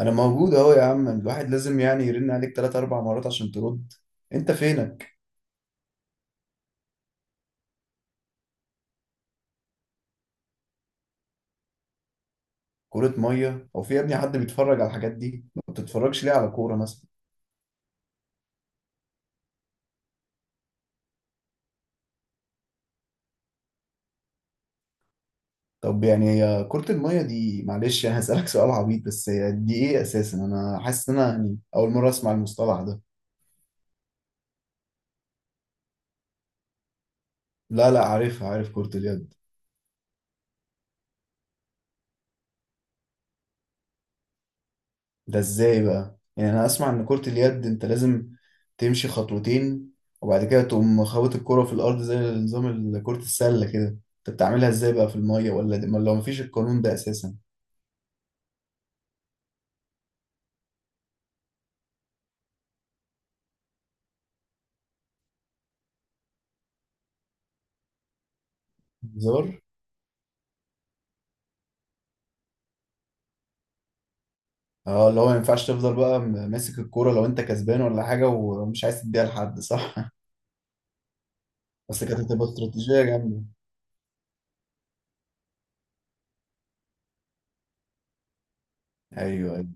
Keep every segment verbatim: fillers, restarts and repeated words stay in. انا موجود اهو يا عم. الواحد لازم يعني يرن عليك تلات اربع مرات عشان ترد. انت فينك؟ كرة مية او في يا ابني حد بيتفرج على الحاجات دي؟ ما بتتفرجش ليه على كورة مثلا؟ طب يعني هي كرة المية دي، معلش يعني هسألك سؤال عبيط، بس هي دي ايه اساسا؟ انا حاسس ان انا يعني اول مرة اسمع المصطلح ده. لا لا، عارفها، عارف كرة اليد. ده ازاي بقى؟ يعني انا اسمع ان كرة اليد انت لازم تمشي خطوتين وبعد كده تقوم خابط الكرة في الارض، زي نظام ال- كرة السلة كده. انت بتعملها ازاي بقى في المية؟ ولا دي ولا مفيش القانون ده اساسا؟ هزار. اه، اللي هو ما ينفعش تفضل بقى م- ماسك الكرة لو انت كسبان ولا حاجة ومش عايز تديها لحد، صح؟ بس كانت هتبقى استراتيجية جامدة. ايوه ايوه.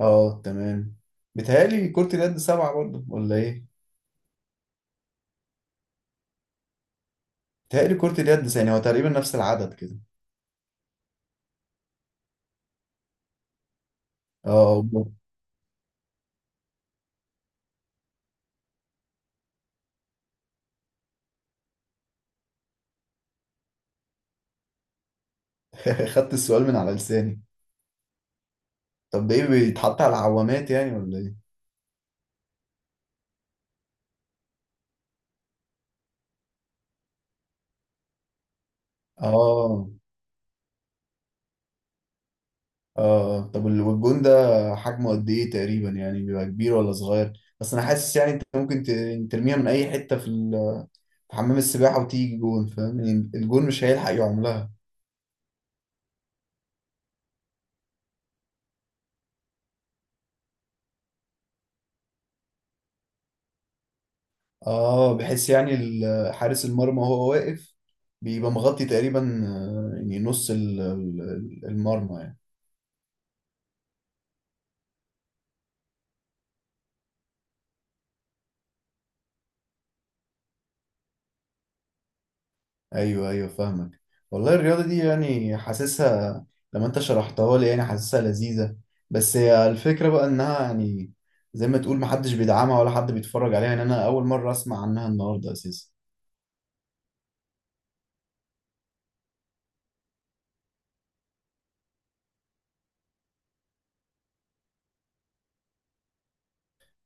اه تمام. بيتهيألي كرة اليد سبعة برضه، ولا ايه؟ بيتهيألي كرة اليد يعني هو تقريبا نفس العدد كده. اه. خدت السؤال من على لساني. طب ده ايه، بيتحط على العوامات يعني ولا ايه؟ اه اه. طب وال- والجون ده حجمه قد ايه تقريبا؟ يعني بيبقى كبير ولا صغير؟ بس انا حاسس يعني انت ممكن ت- ترميها من اي حته في ال- في حمام السباحه وتيجي جون، فاهم؟ يعني الجون مش هيلحق يعملها. اه، بحيث يعني ال- حارس المرمى وهو واقف بيبقى مغطي تقريبا، آه، يعني نص ال- ال- المرمى. ايوه ايوه فاهمك. والله الرياضه دي، يعني حاسسها لما انت شرحتها لي، يعني حاسسها لذيذه. بس هي الفكره بقى انها يعني زي ما تقول محدش بيدعمها ولا حد بيتفرج عليها. يعني انا اول مره اسمع عنها النهارده اساسا.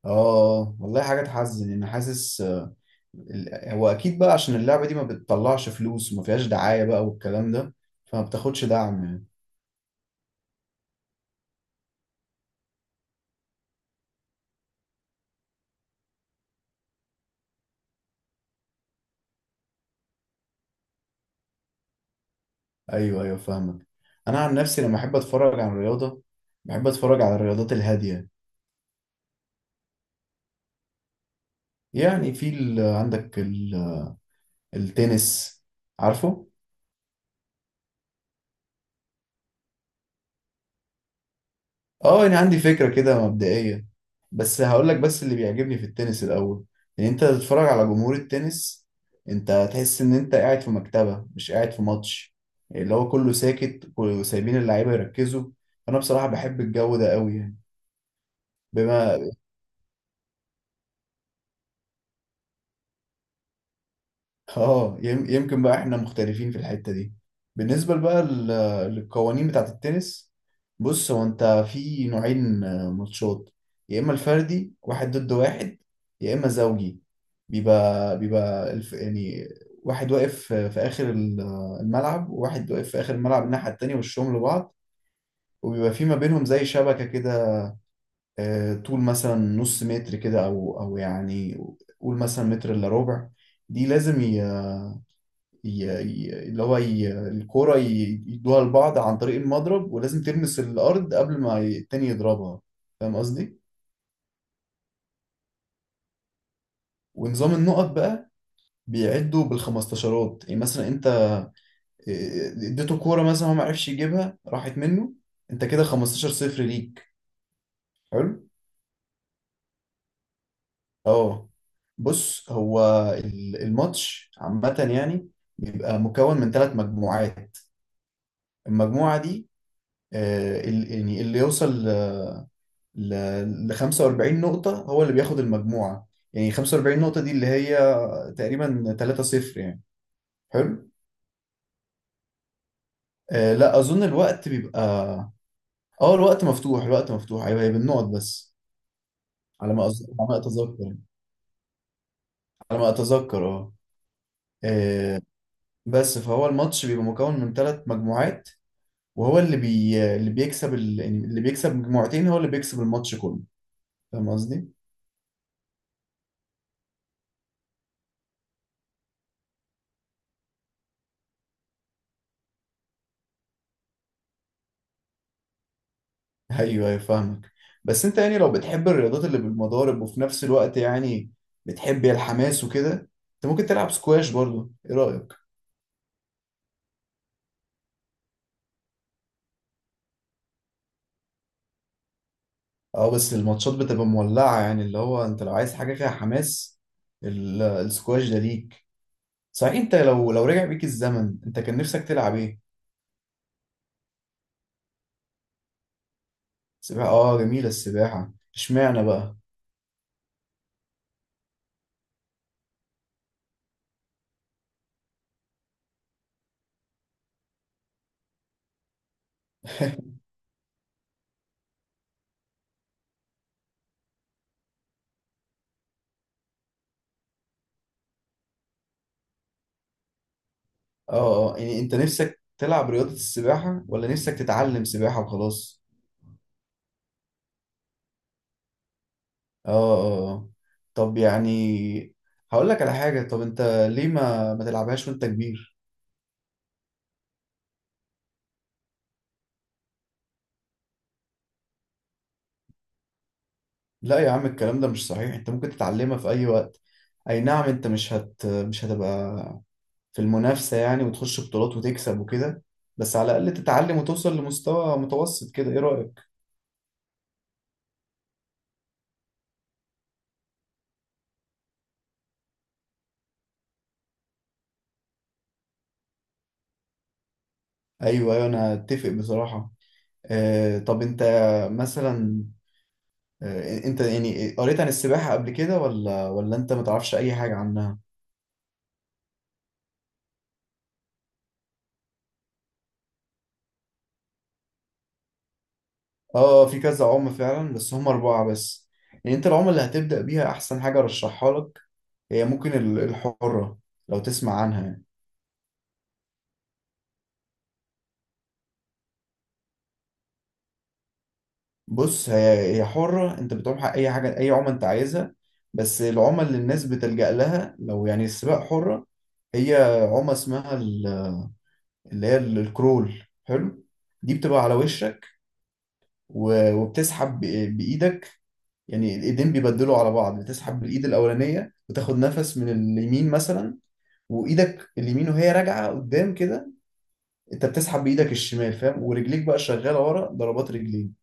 اه والله حاجه تحزن. انا حاسس آه، ال- هو اكيد بقى عشان اللعبه دي ما بتطلعش فلوس وما فيهاش دعايه بقى والكلام ده، فما بتاخدش دعم يعني. ايوه ايوه فاهمك. انا عن نفسي لما احب اتفرج على الرياضه، بحب اتفرج على الرياضات الهاديه. يعني في ال- عندك التنس، عارفه؟ اه انا عندي فكرة كده مبدئية، بس هقول لك، بس اللي بيعجبني في التنس الاول ان انت تتفرج على جمهور التنس. انت هتحس ان انت قاعد في مكتبة، مش قاعد في ماتش. يعني اللي هو كله ساكت وسايبين اللعيبة يركزوا. انا بصراحة بحب الجو ده قوي يعني، بما... اه، يم- يمكن بقى احنا مختلفين في الحتة دي. بالنسبة بقى لل- للقوانين بتاعة التنس، بص، هو انت في نوعين آه، ماتشات: يا اما الفردي واحد ضد واحد، يا اما زوجي. بيبقى بيبقى الف يعني واحد واقف في في اخر ال- آه، الملعب، وواحد واقف في اخر الملعب الناحية التانية، وشهم لبعض. وبيبقى في ما بينهم زي شبكة كده، آه، طول مثلا نص متر كده، او او يعني قول مثلا متر الا ربع. دي لازم ي- ي- ي- اللي هو ي- الكورة ي- يدوها لبعض عن طريق المضرب، ولازم تلمس الأرض قبل ما ي- التاني يضربها. فاهم قصدي؟ ونظام النقط بقى بيعدوا بالخمستاشرات. يعني مثلا انت، اه، اديته كورة مثلا، هو ما عرفش يجيبها، راحت منه، انت كده خمستاشر صفر ليك، حلو؟ اه. بص هو ال- الماتش عامة يعني بيبقى مكون من ثلاث مجموعات. المجموعة دي آه، ال- يعني اللي يوصل ل ل خمسة وأربعين نقطة هو اللي بياخد المجموعة. يعني خمسة واربعين نقطة دي اللي هي تقريبا تلاتة صفر يعني. حلو. آه لا، أظن الوقت بيبقى... اه الوقت مفتوح، الوقت مفتوح، أيوه هي بالنقط بس. على ما أز... على ما أتذكر يعني. على ما أتذكر، اه. آه، بس فهو الماتش بيبقى مكون من ثلاث مجموعات، وهو اللي بي... اللي بيكسب ال... يعني اللي بيكسب مجموعتين هو اللي بيكسب الماتش كله. فاهم قصدي؟ ايوه ايوه فاهمك. بس انت يعني لو بتحب الرياضات اللي بالمضارب وفي نفس الوقت يعني بتحب الحماس وكده، انت ممكن تلعب سكواش برضه، ايه رأيك؟ اه، بس الماتشات بتبقى مولعة، يعني اللي هو انت لو عايز حاجة فيها حماس ال- السكواش ده ليك. صحيح، انت لو لو رجع بيك الزمن انت كان نفسك تلعب ايه؟ سباحة، اه جميلة السباحة، اشمعنى بقى؟ اه اه، يعني انت نفسك تلعب رياضة السباحة ولا نفسك تتعلم سباحة وخلاص؟ اه اه اه. طب يعني هقول لك على حاجة، طب انت ليه ما ما تلعبهاش وانت كبير؟ لا يا عم، الكلام ده مش صحيح، انت ممكن تتعلمها في اي وقت. اي نعم انت مش هت مش هتبقى في المنافسة يعني وتخش بطولات وتكسب وكده، بس على الاقل تتعلم وتوصل لمستوى متوسط كده، ايه رأيك؟ ايوه ايوه، انا اتفق بصراحة. آه، طب انت مثلا، آه انت يعني قريت عن السباحة قبل كده، ولا ولا انت ما تعرفش اي حاجة عنها؟ اه، في كذا عملة فعلا، بس هم أربعة بس. يعني أنت العملة اللي هتبدأ بيها أحسن حاجة أرشحها لك، هي ممكن ال- الحرة، لو تسمع عنها يعني. بص، هي هي حرة، أنت بتعوم حق أي حاجة، أي عملة أنت عايزها. بس العمل اللي الناس بتلجأ لها لو يعني السباق، حرة. هي عمى اسمها ال- اللي هي ال- الكرول، حلو. دي بتبقى على وشك، و- وبتسحب بإ- بإيدك، يعني الإيدين بيبدلوا على بعض. بتسحب بالإيد الأولانية وتاخد نفس من اليمين مثلا، وايدك اليمين وهي راجعه قدام كده انت بتسحب بايدك الشمال، فاهم؟ ورجليك بقى شغاله ورا ضربات رجلين.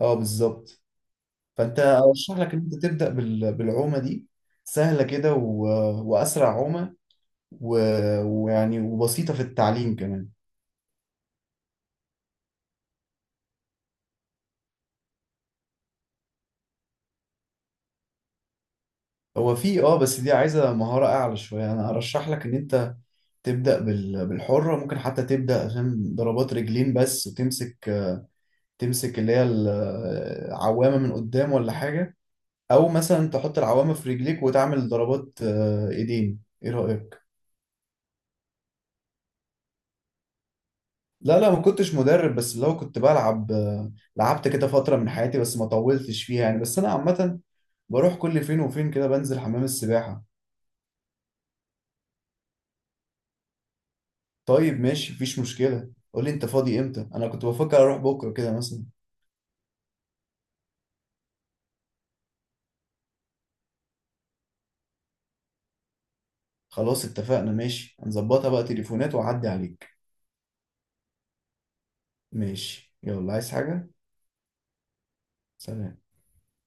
اه بالظبط. فانت ارشح لك ان انت تبدا بال... بالعومه دي، سهله كده، و... واسرع عومه، و... ويعني وبسيطه في التعليم كمان. هو في اه، بس دي عايزه مهاره اعلى شويه. انا ارشح لك ان انت تبدا بال... بالحره. ممكن حتى تبدا فاهم ضربات رجلين بس وتمسك تمسك اللي هي العوامه من قدام ولا حاجه، او مثلا تحط العوامة في رجليك وتعمل ضربات آه، ايدين، ايه رأيك؟ لا لا، ما كنتش مدرب، بس اللي هو كنت بلعب، آه، لعبت كده فترة من حياتي بس ما طولتش فيها يعني. بس انا عامة بروح كل فين وفين كده بنزل حمام السباحة. طيب ماشي، مفيش مشكلة، قول لي انت فاضي امتى. انا كنت بفكر اروح بكرة كده مثلا. خلاص اتفقنا ماشي، هنظبطها بقى تليفونات واعدي عليك. ماشي، يلا، عايز حاجة؟ سلام.